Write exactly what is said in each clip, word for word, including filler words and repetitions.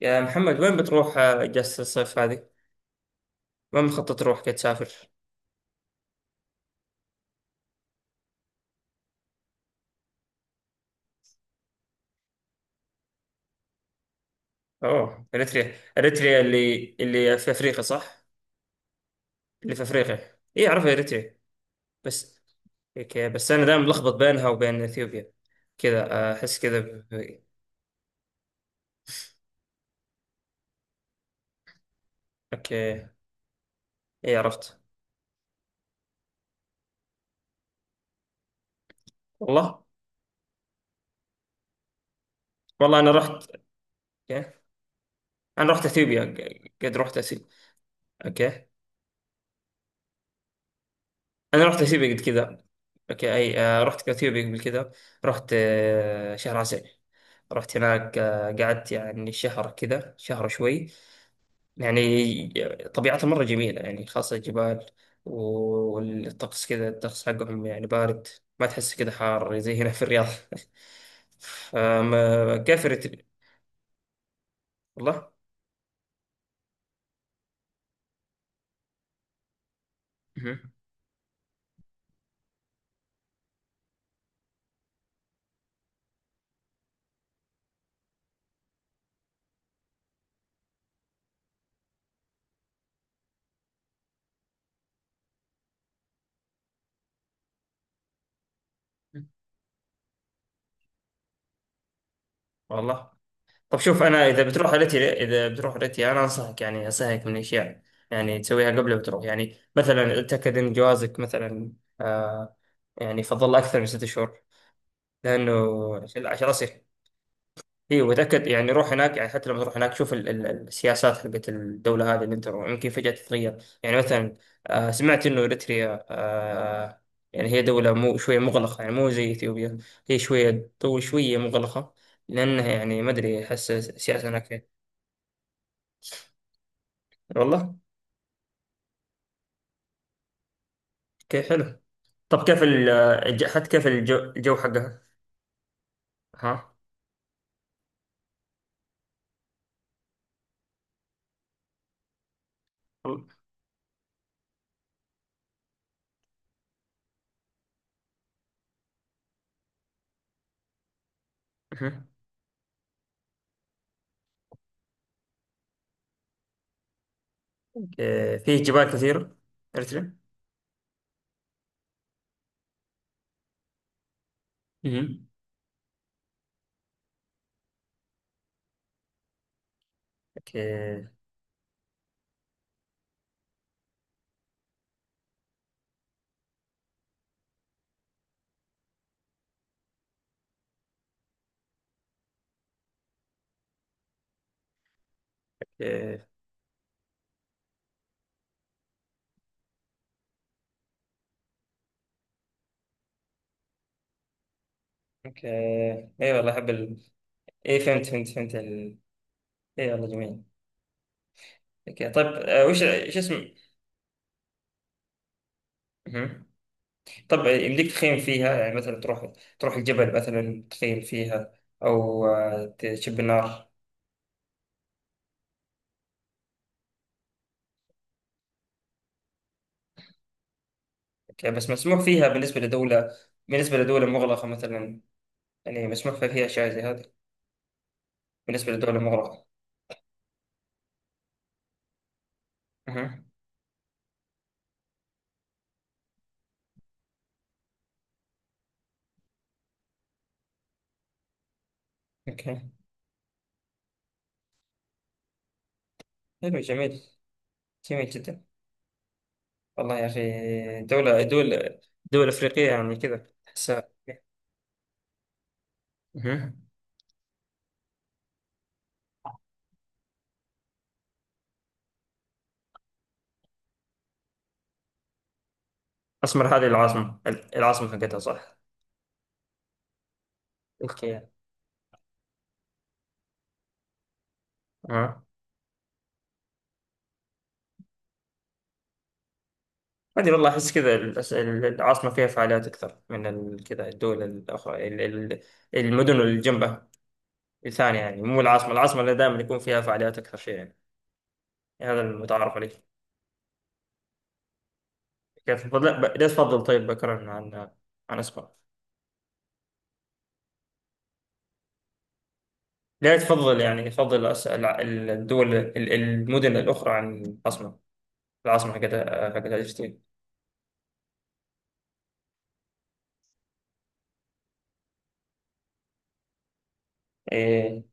يا محمد وين بتروح آه، اجازة الصيف هذه؟ وين مخطط تروح كي تسافر؟ اوه اريتريا اريتريا اللي اللي في افريقيا صح؟ اللي في افريقيا اي اعرفها اريتريا. بس اوكي، بس انا دائما ملخبط بينها وبين اثيوبيا كذا آه، احس كذا ب- ب- اوكي. اي عرفت. والله. والله انا رحت. اوكي انا رحت اثيوبيا، ق- قد رحت اثيوبيا. اوكي انا رحت اثيوبيا قبل كذا. اوكي اي آه، رحت اثيوبيا قبل كذا. رحت آه، شهر عسل. رحت هناك آه، قعدت يعني شهر كذا، شهر شوي يعني. طبيعتها مرة جميلة يعني، خاصة الجبال. والطقس كذا، الطقس حقهم يعني بارد. ما تحس كذا حار زي هنا في الرياض فما كيف رت- والله. مهم. والله طب شوف، انا اذا بتروح رحلتي اذا بتروح رحلتي انا انصحك، يعني انصحك من اشياء يعني، يعني تسويها قبل ما تروح. يعني مثلا اتاكد ان جوازك مثلا، آه، يعني يفضل اكثر من ست شهور، لانه عشان، عشان اصير. اي، وتاكد يعني، روح هناك يعني، حتى لما تروح هناك شوف ال- ال- السياسات حقت الدوله هذه اللي انت رو- يمكن فجاه تتغير. يعني مثلا، آه، سمعت انه اريتريا، آه، يعني هي دوله مو شويه مغلقه، يعني مو زي اثيوبيا. هي شويه تو شويه مغلقه، لانها يعني ما ادري، احس السياسه هناك. والله. كيف حلو. طب كيف ال الج- حتى كيف الجو, الجو حقها. ها. والله. أها. أوكي. فيه جبال كثيرة، أريتريا. أها. اوكي. اوكي. اوكي، اي والله احب ال... اي فهمت، فهمت فهمت ال... اي والله جميل. اوكي طيب، آه، وش ايش اسم. أها. طب يمديك تخيم فيها، يعني مثلا تروح، تروح الجبل مثلا، تخيم فيها او آه، تشب النار. اوكي، بس مسموح فيها بالنسبة لدولة، بالنسبة لدولة مغلقة مثلا؟ يعني مسموح فيها فيها أشياء زي هذه، بالنسبة للدول المغرقة؟ أها. أوكي. حلو، جميل. جميل جدا. والله يا أخي، دولة دول، دول أفريقية يعني كذا تحسها. أها. أسمر هذه العاصمة، العاصمة حقتها صح؟ أوكي. أها. ما أدري والله، أحس كذا الأس- العاصمة فيها فعاليات أكثر من ال- كذا الدول الأخرى ال- ال- المدن اللي جنبها الثانية، يعني مو العاصمة. العاصمة اللي دائما يكون فيها فعاليات أكثر شيء يعني. هذا المتعارف عليه. كيف لا، ب- ليش تفضل طيب بكرا عن، عن أسبق؟ لا تفضل، يعني يفضل أس- الع- الدول ال- المدن الأخرى عن العاصمة. العاصمة هكذا، هكذا أجتين. إيه.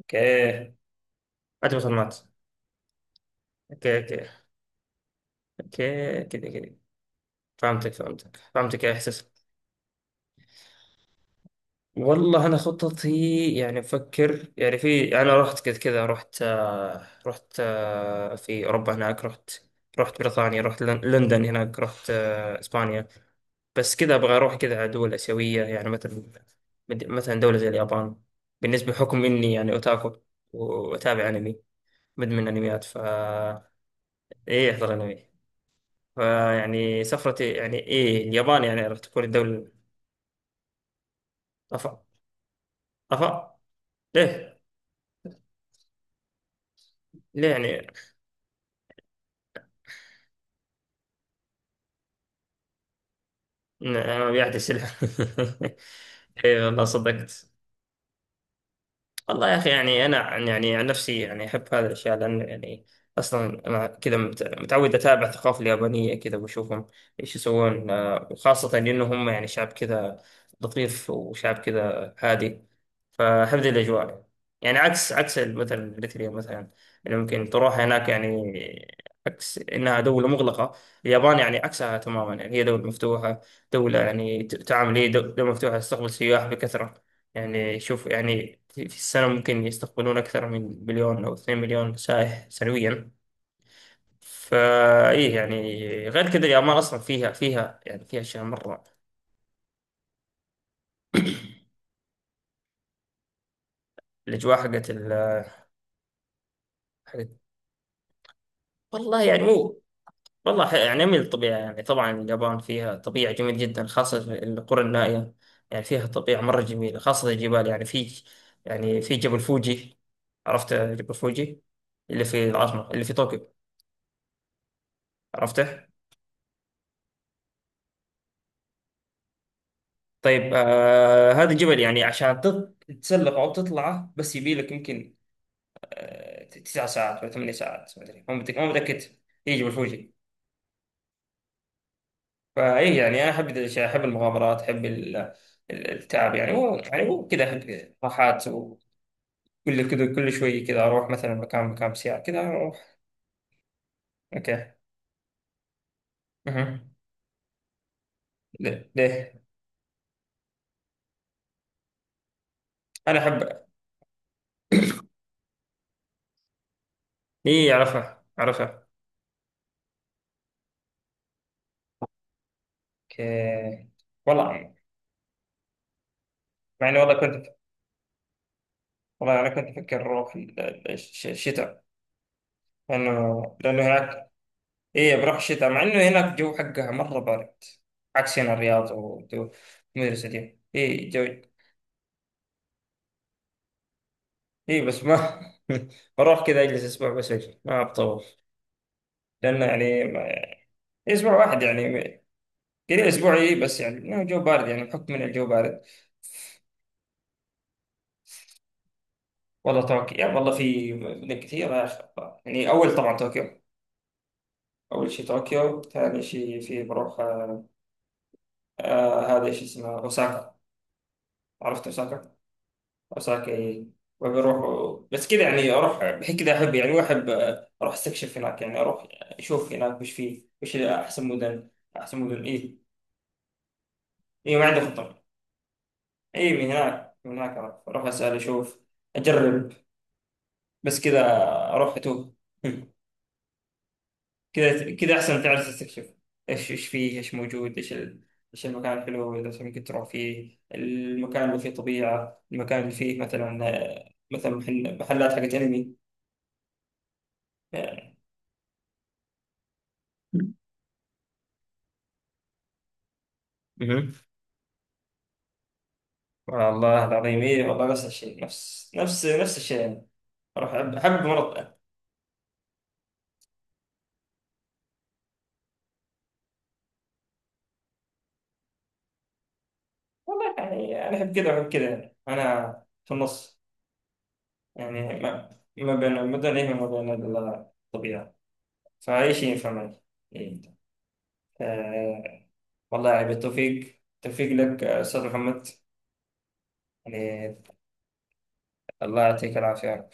أوكي. أنت معلومات. أوكي. أوكي. أوكي كذا كذا. فهمتك فهمتك فهمتك يا إحساس. والله أنا خططي، يعني أفكر يعني في، أنا رحت كذا كذا، رحت آه، رحت آه، في أوروبا، هناك رحت. رحت بريطانيا، رحت لن- لندن، هناك رحت آه، إسبانيا. بس كذا أبغى أروح كذا على دول آسيوية يعني، مثلا مد- مثلا دولة زي اليابان. بالنسبة بحكم إني يعني أوتاكو وأتابع أنمي، مدمن أنميات فا، إيه أحضر أنمي. فيعني سفرتي يعني، إيه اليابان يعني راح تكون الدولة. أفا. أفا. ليه؟ ليه يعني؟ ن- أنا ما بيعطي سلعة إيه والله صدقت. والله يا أخي يعني، أنا عن- يعني عن نفسي يعني أحب هذه الأشياء، لأن يعني أصلا أنا كذا مت- متعود أتابع الثقافة اليابانية كذا، وأشوفهم إيش يسوون آه، وخاصة إنه هم يعني شعب كذا لطيف، وشعب كذا هادي، فحفظ الأجواء. يعني عكس، عكس مثلا إريتريا مثلا، اللي ممكن تروح هناك يعني عكس إنها دولة مغلقة. اليابان يعني عكسها تماما، يعني هي دولة مفتوحة. دولة يعني ت- تعامل، هي دو- دولة مفتوحة، تستقبل سياح بكثرة. يعني شوف يعني، في في السنة ممكن يستقبلون أكثر من مليون أو اثنين مليون مليون سائح سنويا. فإيه يعني غير كذا، اليابان أصلا فيها فيها يعني فيها أشياء مرة. الأجواء حقت ال، حقت، والله يعني مو، والله ح- يعني من الطبيعة، يعني طبعا اليابان فيها طبيعة جميلة جدا، خاصة في القرى النائية. يعني فيها طبيعة مرة جميلة، خاصة الجبال. يعني في، يعني في جبل فوجي. عرفت جبل فوجي، اللي في العاصمة، اللي في طوكيو؟ عرفته. طيب آه، هذا الجبل يعني عشان تط- تتسلق أو تطلعه بس، يبي لك يمكن آه تسع ساعات ولا ثمانية ساعات، ما أدري مو متأكد، مو متأكد. هي جبل فوجي. فاي يعني انا احب ذي الاشياء، احب المغامرات، احب ال- ال- التعب يعني، مو يعني مو كذا احب راحات كل كده، كل شوية كده أروح مثلا مكان، مكان ساعة كده أروح. أوكي. مهم. ليه؟ ليه؟ أنا أحب. إيه عرفها، عرفها. أوكي. والله مع إني والله كنت، والله أنا كنت أفكر أروح في ال- ال- الش- الشتاء، لأنه، لأنه هناك، إيه بروح الشتاء مع إنه هناك الجو حقها مرة بارد، عكس هنا الرياض والجو المدرسة دي إيه جو. إيه بس ما بروح كذا أجلس أسبوع بس، أجي ما بطول، لأنه يعني ما- أسبوع واحد يعني قليل. اسبوعي بس، يعني إنه الجو بارد، يعني بحكم من الجو بارد. والله طوكيو يعني، والله في مدن كثيره يا اخي الله. يعني اول طبعا طوكيو، اول شيء طوكيو، ثاني شيء في بروح آه، آه، هذا ايش اسمه، اوساكا. عرفت اوساكا؟ اوساكا إيه. وبروح بس كذا يعني، اروح بحيث كذا احب يعني، واحب آه، اروح استكشف هناك يعني، اروح اشوف هناك وش فيه، وش احسن مدن، احسن مدن. ايه ايه ما عندي خطه. ايه من هناك، من هناك اروح اسال، اشوف، اجرب، بس كذا، اروح اتوه كذا كذا أحسن، تعرف تستكشف. إيش، إيش فيه، إيش موجود، إيش ال... إيش المكان الحلو اللي مثلا ممكن تروح فيه، المكان اللي فيه طبيعة، المكان اللي فيه مثلا آه، مثلا محل... محلات حقت أنمي. آه، مهم. والله العظيم إيه، والله نفس الشيء، نفس نفس نفس الشيء يعني. أروح أحب، أحب مرة. والله يعني أنا أحب كذا وأحب كذا، يعني أنا في النص يعني، ما، ما بين، ما بين إيه وما بين الطبيعة، فأي شيء ينفع معي. إيه. آه، والله يعني بالتوفيق، التوفيق لك أستاذ محمد. يعني الله يعطيك العافية.